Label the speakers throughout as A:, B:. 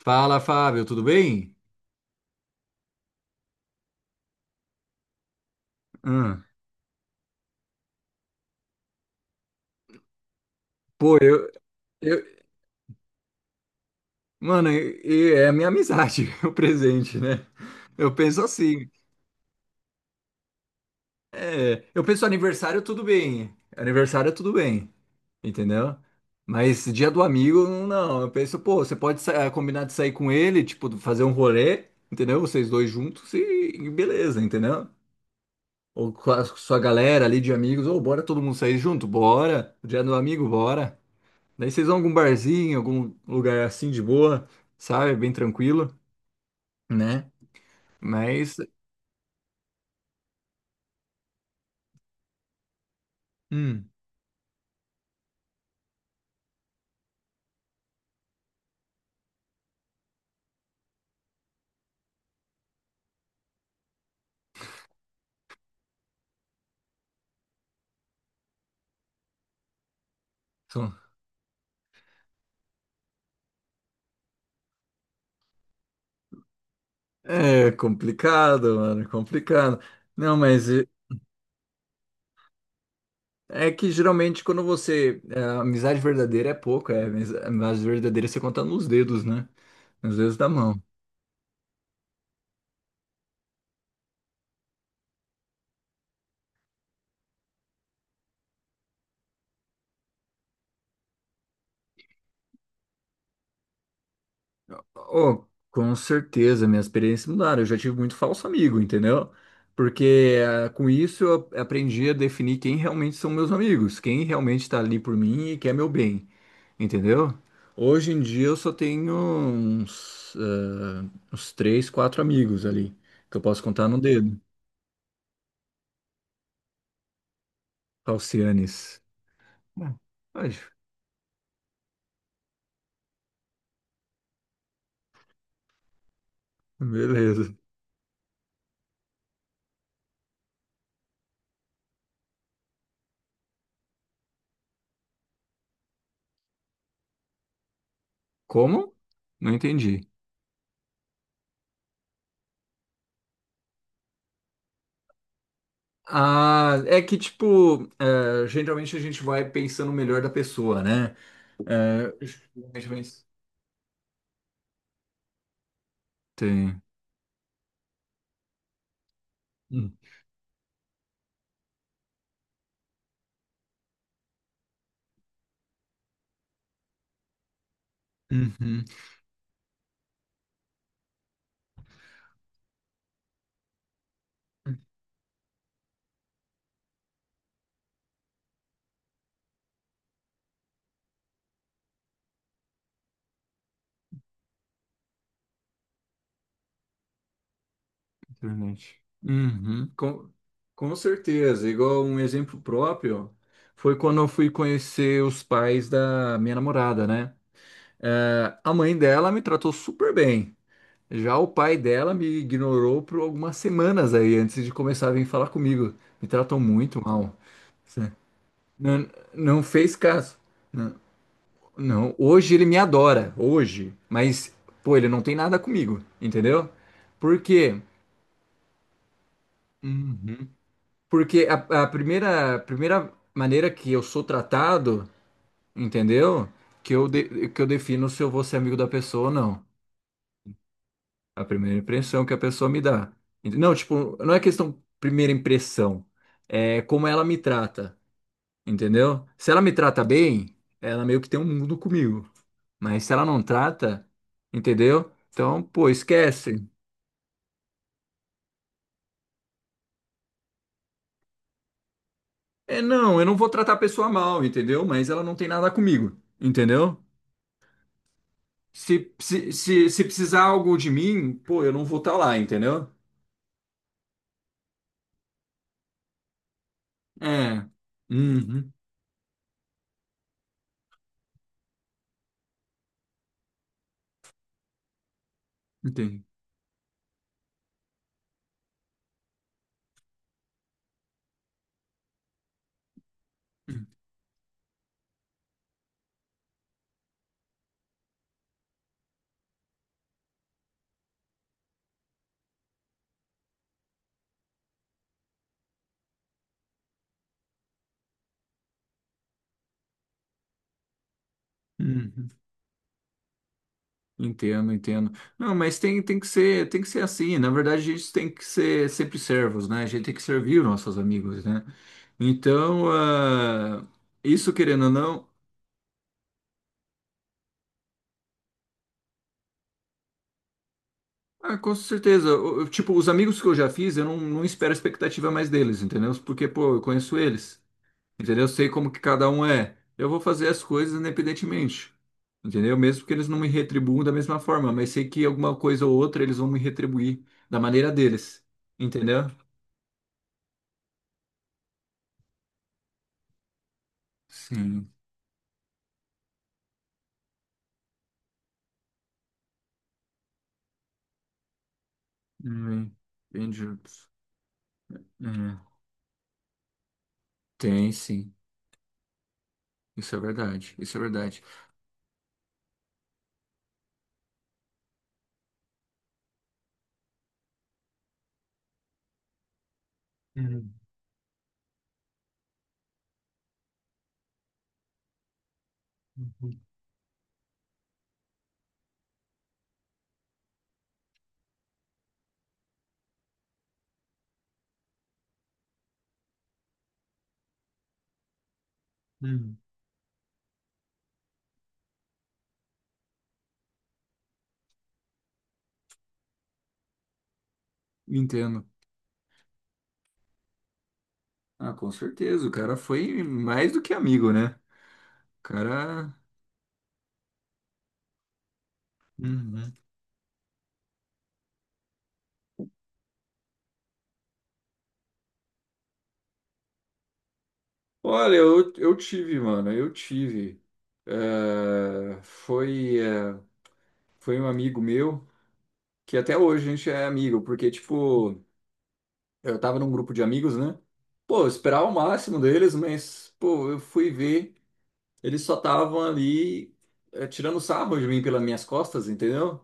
A: Fala, Fábio, tudo bem? Hum. Pô, eu, mano, e é a minha amizade, o presente, né? Eu penso assim, é, eu penso aniversário tudo bem, entendeu? Mas dia do amigo, não, eu penso, pô, você pode combinar de sair com ele, tipo, fazer um rolê, entendeu? Vocês dois juntos e beleza, entendeu? Ou com a sua galera ali de amigos, ou bora todo mundo sair junto, bora, dia do amigo, bora. Daí vocês vão a algum barzinho, algum lugar assim de boa, sabe? Bem tranquilo, né? Mas, hum, são- é complicado, mano, é complicado. Não, mas é que geralmente quando você, é, a amizade verdadeira é pouco, é, mas a amizade verdadeira você conta nos dedos, né? Nos dedos da mão. Oh, com certeza, minhas experiências mudaram. Eu já tive muito falso amigo, entendeu? Porque com isso eu aprendi a definir quem realmente são meus amigos, quem realmente está ali por mim e quer meu bem, entendeu? Hoje em dia eu só tenho uns, ah, uns três, quatro amigos ali, que eu posso contar no dedo. Falcianes. Bom, ai, beleza. Como? Não entendi. Ah, é que, tipo, geralmente a gente vai pensando melhor da pessoa, né? Realmente mas tem. Hum. Uhum. Internet. Uhum. Com certeza. Igual um exemplo próprio foi quando eu fui conhecer os pais da minha namorada, né? É, a mãe dela me tratou super bem. Já o pai dela me ignorou por algumas semanas aí, antes de começar a vir falar comigo. Me tratou muito mal. Não, não fez caso. Não, hoje ele me adora, hoje. Mas, pô, ele não tem nada comigo, entendeu? Por quê? Uhum. Porque a primeira maneira que eu sou tratado, entendeu? Que eu defino se eu vou ser amigo da pessoa ou não. A primeira impressão que a pessoa me dá. Não, tipo, não é questão primeira impressão. É como ela me trata. Entendeu? Se ela me trata bem, ela meio que tem um mundo comigo. Mas se ela não trata, entendeu? Então, pô, esquece. É, não, eu não vou tratar a pessoa mal, entendeu? Mas ela não tem nada comigo, entendeu? Se precisar algo de mim, pô, eu não vou estar lá, entendeu? É. Uhum, entendi. Uhum. Entendo, entendo. Não, mas tem, tem que ser assim. Na verdade, a gente tem que ser sempre servos, né? A gente tem que servir os nossos amigos, né? Então, ah, isso querendo ou não, ah, com certeza. Tipo, os amigos que eu já fiz, eu não, não espero expectativa mais deles, entendeu? Porque, pô, eu conheço eles, entendeu? Eu sei como que cada um é. Eu vou fazer as coisas independentemente, entendeu? Mesmo que eles não me retribuam da mesma forma, mas sei que alguma coisa ou outra eles vão me retribuir da maneira deles, entendeu? Sim. Hum, entendi. É, tem sim. Isso é verdade. Isso é verdade. Uhum, uhum, uhum. Entendo. Ah, com certeza. O cara foi mais do que amigo, né? O cara. Uhum. Olha, eu tive, mano. Eu tive. É, foi um amigo meu, que até hoje a gente é amigo, porque, tipo, eu tava num grupo de amigos, né? Pô, eu esperava o máximo deles, mas, pô, eu fui ver. Eles só estavam ali tirando sarro de mim pelas minhas costas, entendeu?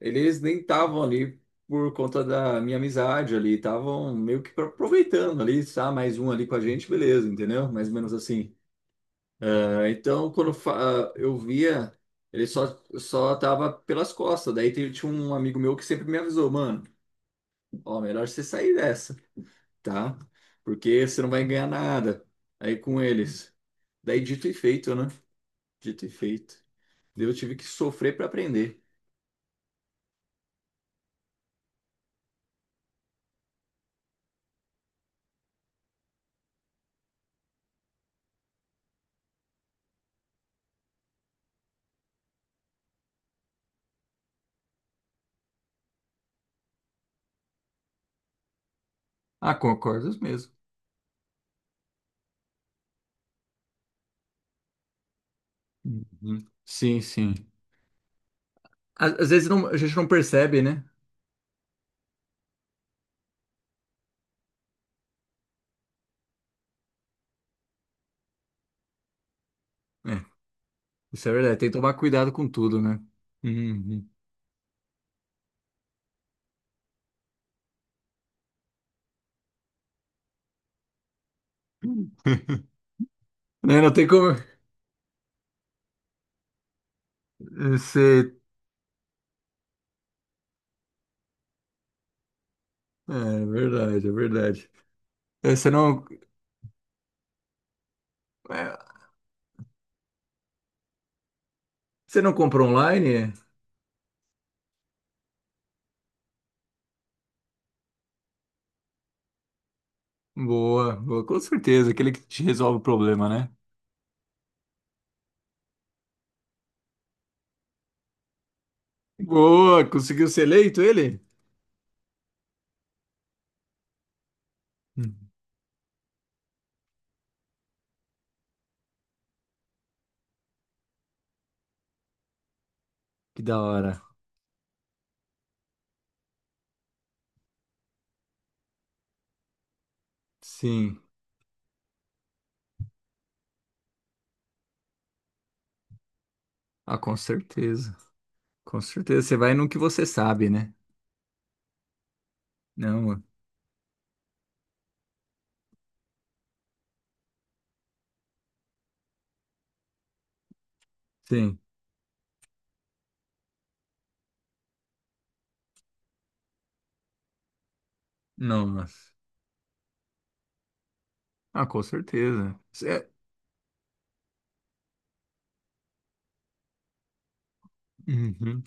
A: Eles nem estavam ali por conta da minha amizade ali, estavam meio que aproveitando ali, tá? Mais um ali com a gente, beleza, entendeu? Mais ou menos assim. Ah, então, eu via, ele só tava pelas costas. Daí tinha um amigo meu que sempre me avisou, mano, ó, melhor você sair dessa, tá? Porque você não vai ganhar nada aí com eles. Daí dito e feito, né? Dito e feito. Eu tive que sofrer para aprender. Ah, concordo mesmo. Uhum. Sim, sim. Às vezes a gente não percebe, né? É, isso é verdade. Tem que tomar cuidado com tudo, né? Uhum. Né, não tem como. Você... É é verdade, é verdade. É, você não, é, você não compra online? É? Boa, boa, com certeza. Aquele que te resolve o problema, né? Boa, conseguiu ser eleito ele? Hum, Que da hora. Sim, ah, com certeza. Com certeza. Você vai no que você sabe, né? Não, sim. Nossa. Ah, com certeza. É, uhum.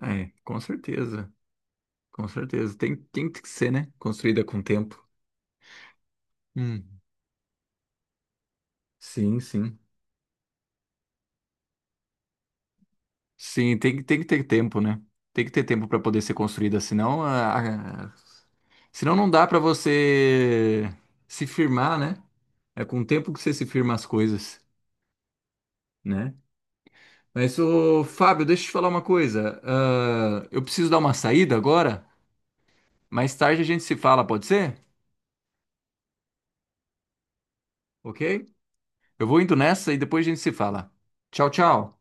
A: Ah, é, com certeza. Com certeza. Tem, tem que ser, né? Construída com tempo. Hum. Sim, sim. Sim, tem, tem que ter tempo, né? Tem que ter tempo para poder ser construída, senão, senão não dá para você se firmar, né? É com o tempo que você se firma as coisas, né? Mas, ô, Fábio, deixa eu te falar uma coisa. Ah, eu preciso dar uma saída agora. Mais tarde a gente se fala, pode ser? Ok? Eu vou indo nessa e depois a gente se fala. Tchau, tchau.